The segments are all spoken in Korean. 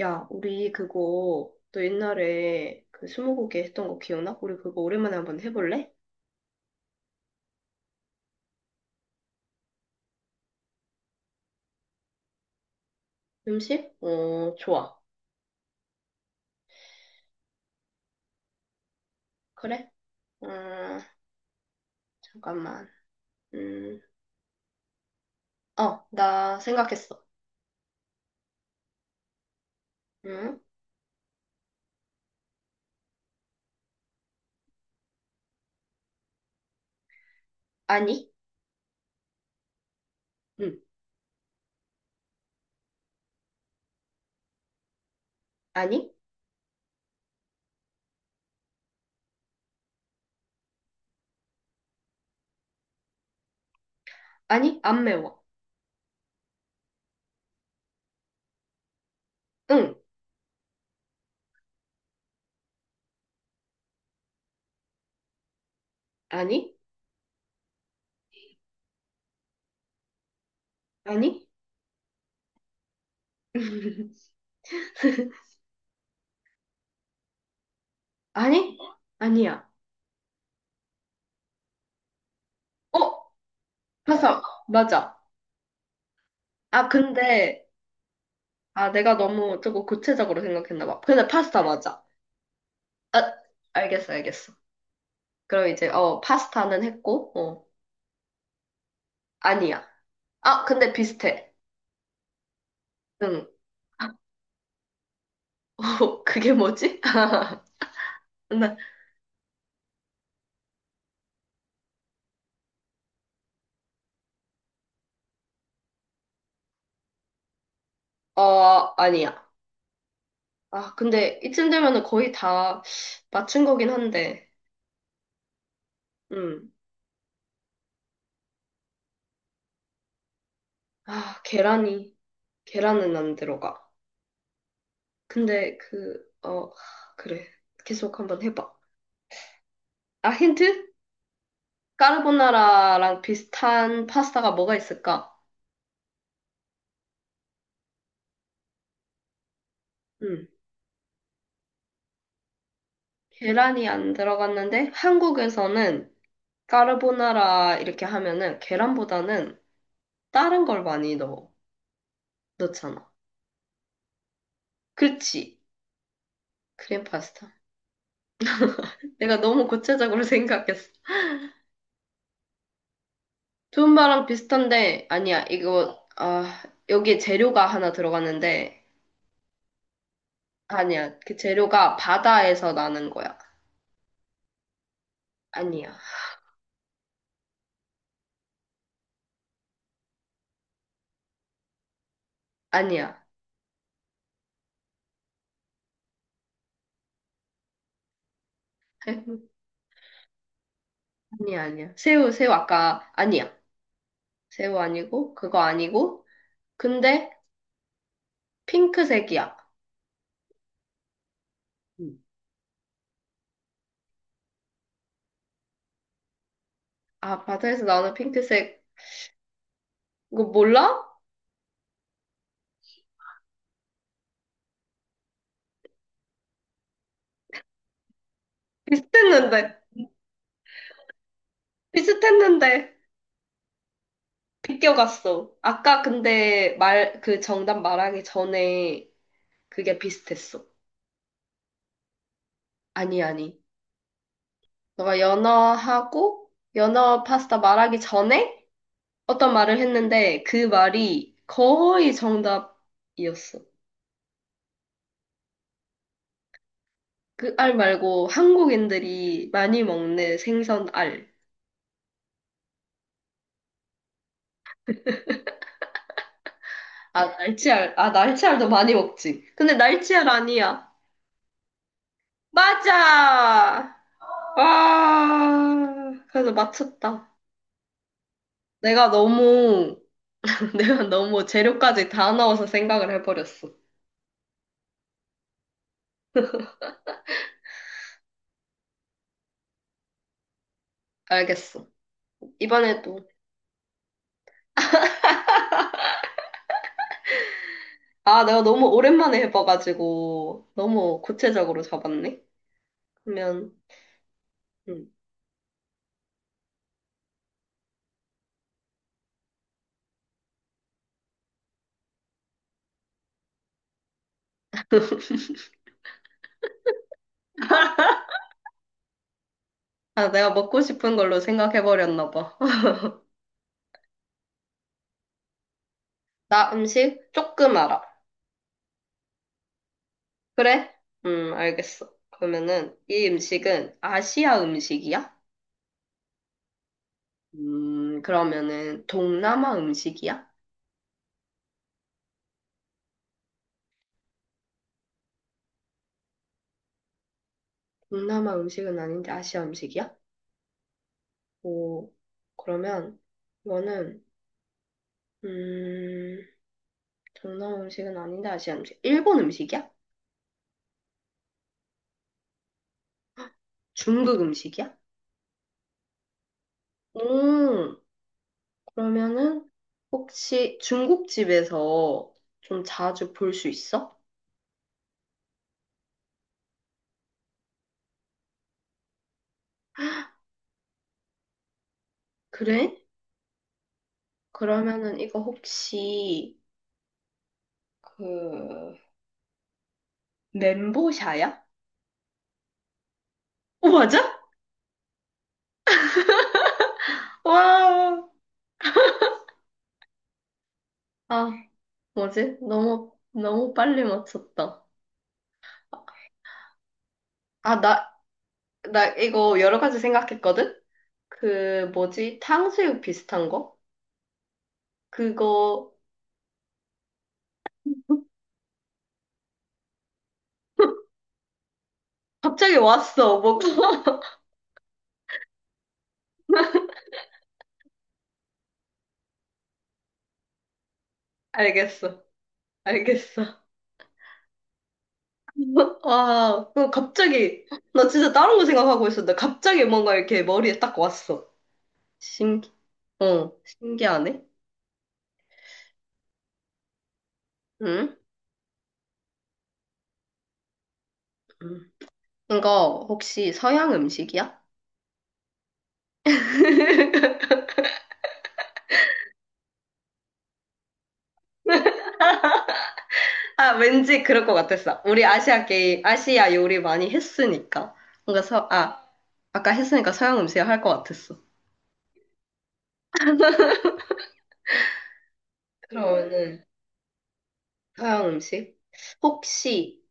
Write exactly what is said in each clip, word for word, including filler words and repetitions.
야, 우리 그거 너 옛날에 그 스무고개 했던 거 기억나? 우리 그거 오랜만에 한번 해볼래? 음식? 어, 좋아. 그래? 음, 잠깐만. 음, 어, 나 생각했어. 응? 아니? 응. 아니? 아니? 안 매워. 응. 아니? 아니? 아니? 아니야. 어? 파스타. 맞아. 아, 근데, 아, 내가 너무 조금 구체적으로 생각했나 봐. 근데 파스타 맞아. 아, 알겠어, 알겠어. 그럼 이제, 어, 파스타는 했고, 어, 아니야. 아, 근데 비슷해. 응. 어, 그게 뭐지? 나, 어, 아니야. 아, 근데 이쯤 되면은 거의 다 맞춘 거긴 한데, 음. 아, 계란이, 계란은 안 들어가. 근데 그, 어, 그래. 계속 한번 해봐. 아, 힌트? 까르보나라랑 비슷한 파스타가 뭐가 있을까? 음. 계란이 안 들어갔는데, 한국에서는 까르보나라 이렇게 하면은 계란보다는 다른 걸 많이 넣어. 넣잖아. 그치? 크림 파스타. 내가 너무 구체적으로 생각했어. 두음바랑 비슷한데 아니야. 이거 아, 여기에 재료가 하나 들어갔는데 아니야. 그 재료가 바다에서 나는 거야. 아니야. 아니야. 아니야, 아니야. 새우, 새우 아까 아니야. 새우 아니고 그거 아니고 근데 핑크색이야. 음. 아, 바다에서 나오는 핑크색 이거 몰라? 비슷했는데, 비슷했는데, 비껴갔어. 아까 근데 말, 그 정답 말하기 전에 그게 비슷했어. 아니, 아니. 너가 연어하고, 연어 파스타 말하기 전에 어떤 말을 했는데 그 말이 거의 정답이었어. 그 알 말고 한국인들이 많이 먹는 생선 알. 아, 날치알. 아, 날치알도 많이 먹지. 근데 날치알 아니야. 맞아! 아, 그래도 맞췄다. 내가 너무, 내가 너무 재료까지 다 넣어서 생각을 해버렸어. 알겠어. 이번에도. 아, 내가 너무 오랜만에 해봐가지고, 너무 구체적으로 잡았네? 그러면, 음. 아, 내가 먹고 싶은 걸로 생각해버렸나 봐. 나 음식 조금 알아. 그래? 음, 알겠어. 그러면은, 이 음식은 아시아 음식이야? 음, 그러면은, 동남아 음식이야? 동남아 음식은 아닌데 아시아 음식이야? 오, 그러면 이거는 음, 동남아 음식은 아닌데 아시아 음식. 일본 음식이야? 중국 음식이야? 오, 그러면은 혹시 중국집에서 좀 자주 볼 수 있어? 그래? 그러면은 이거 혹시 그 멘보샤야? 어, 맞아? 와, 아, 뭐지? 너무 너무 빨리 맞췄다. 아, 나 나 이거 여러 가지 생각했거든? 그 뭐지? 탕수육 비슷한 거? 그거 갑자기 왔어. 뭐 알겠어. 알겠어. 와, 그거 갑자기 나 진짜 다른 거 생각하고 있었는데 갑자기 뭔가 이렇게 머리에 딱 왔어. 신기, 어, 신기하네. 응? 응. 이거 혹시 서양 음식이야? 아, 왠지 그럴 것 같았어. 우리 아시아 게임, 아시아 요리 많이 했으니까. 뭔가 서, 아, 아까 했으니까 서양 음식 할 것 같았어. 그러면은, 서양 음식? 혹시,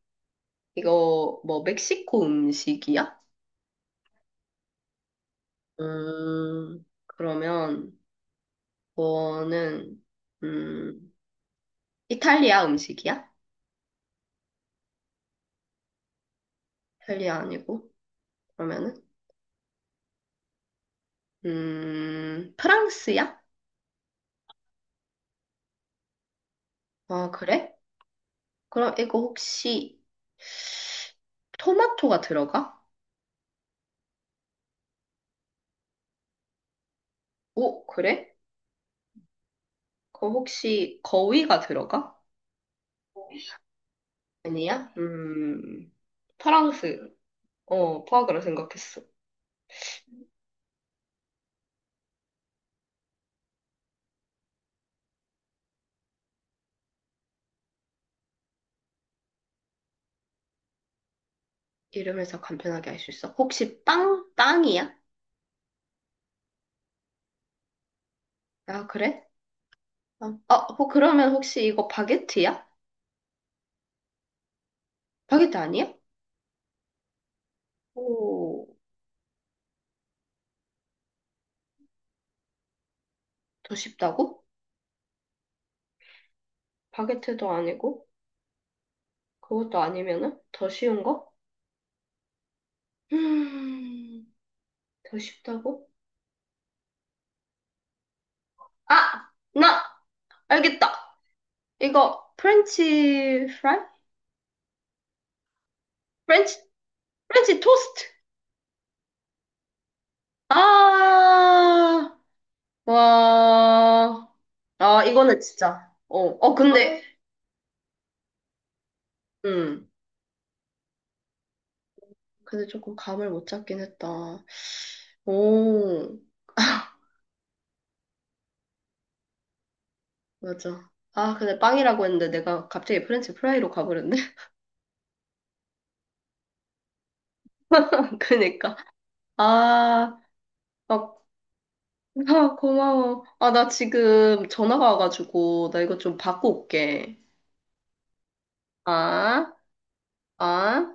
이거, 뭐, 멕시코 음식이야? 음, 그러면, 뭐는, 음, 이탈리아 음식이야? 이탈리아 아니고, 그러면은, 음, 프랑스야? 아, 그래? 그럼 이거 혹시, 토마토가 들어가? 오, 그래? 그 혹시 거위가 들어가? 아니야? 음, 프랑스. 어, 포악으로 생각했어. 이름에서 간편하게 알 수 있어. 혹시 빵? 빵이야? 아, 그래? 빵. 어, 어, 그러면 혹시 이거 바게트야? 바게트 아니야? 오, 더 쉽다고? 바게트도 아니고, 그것도 아니면은 더 쉬운 거? 음, 더 쉽다고? 아, 나 알겠다. 이거 프렌치 프라이? 프렌치, 프렌치 토스트. 아, 와, 아, 이거는 진짜, 어, 어, 근데, 아, 음, 근데 조금 감을 못 잡긴 했다. 오, 맞아. 아, 근데 빵이라고 했는데 내가 갑자기 프렌치 프라이로 가버렸네. 그니까. 아, 막, 아, 고마워. 아, 나 지금 전화가 와가지고, 나 이거 좀 받고 올게. 아, 아.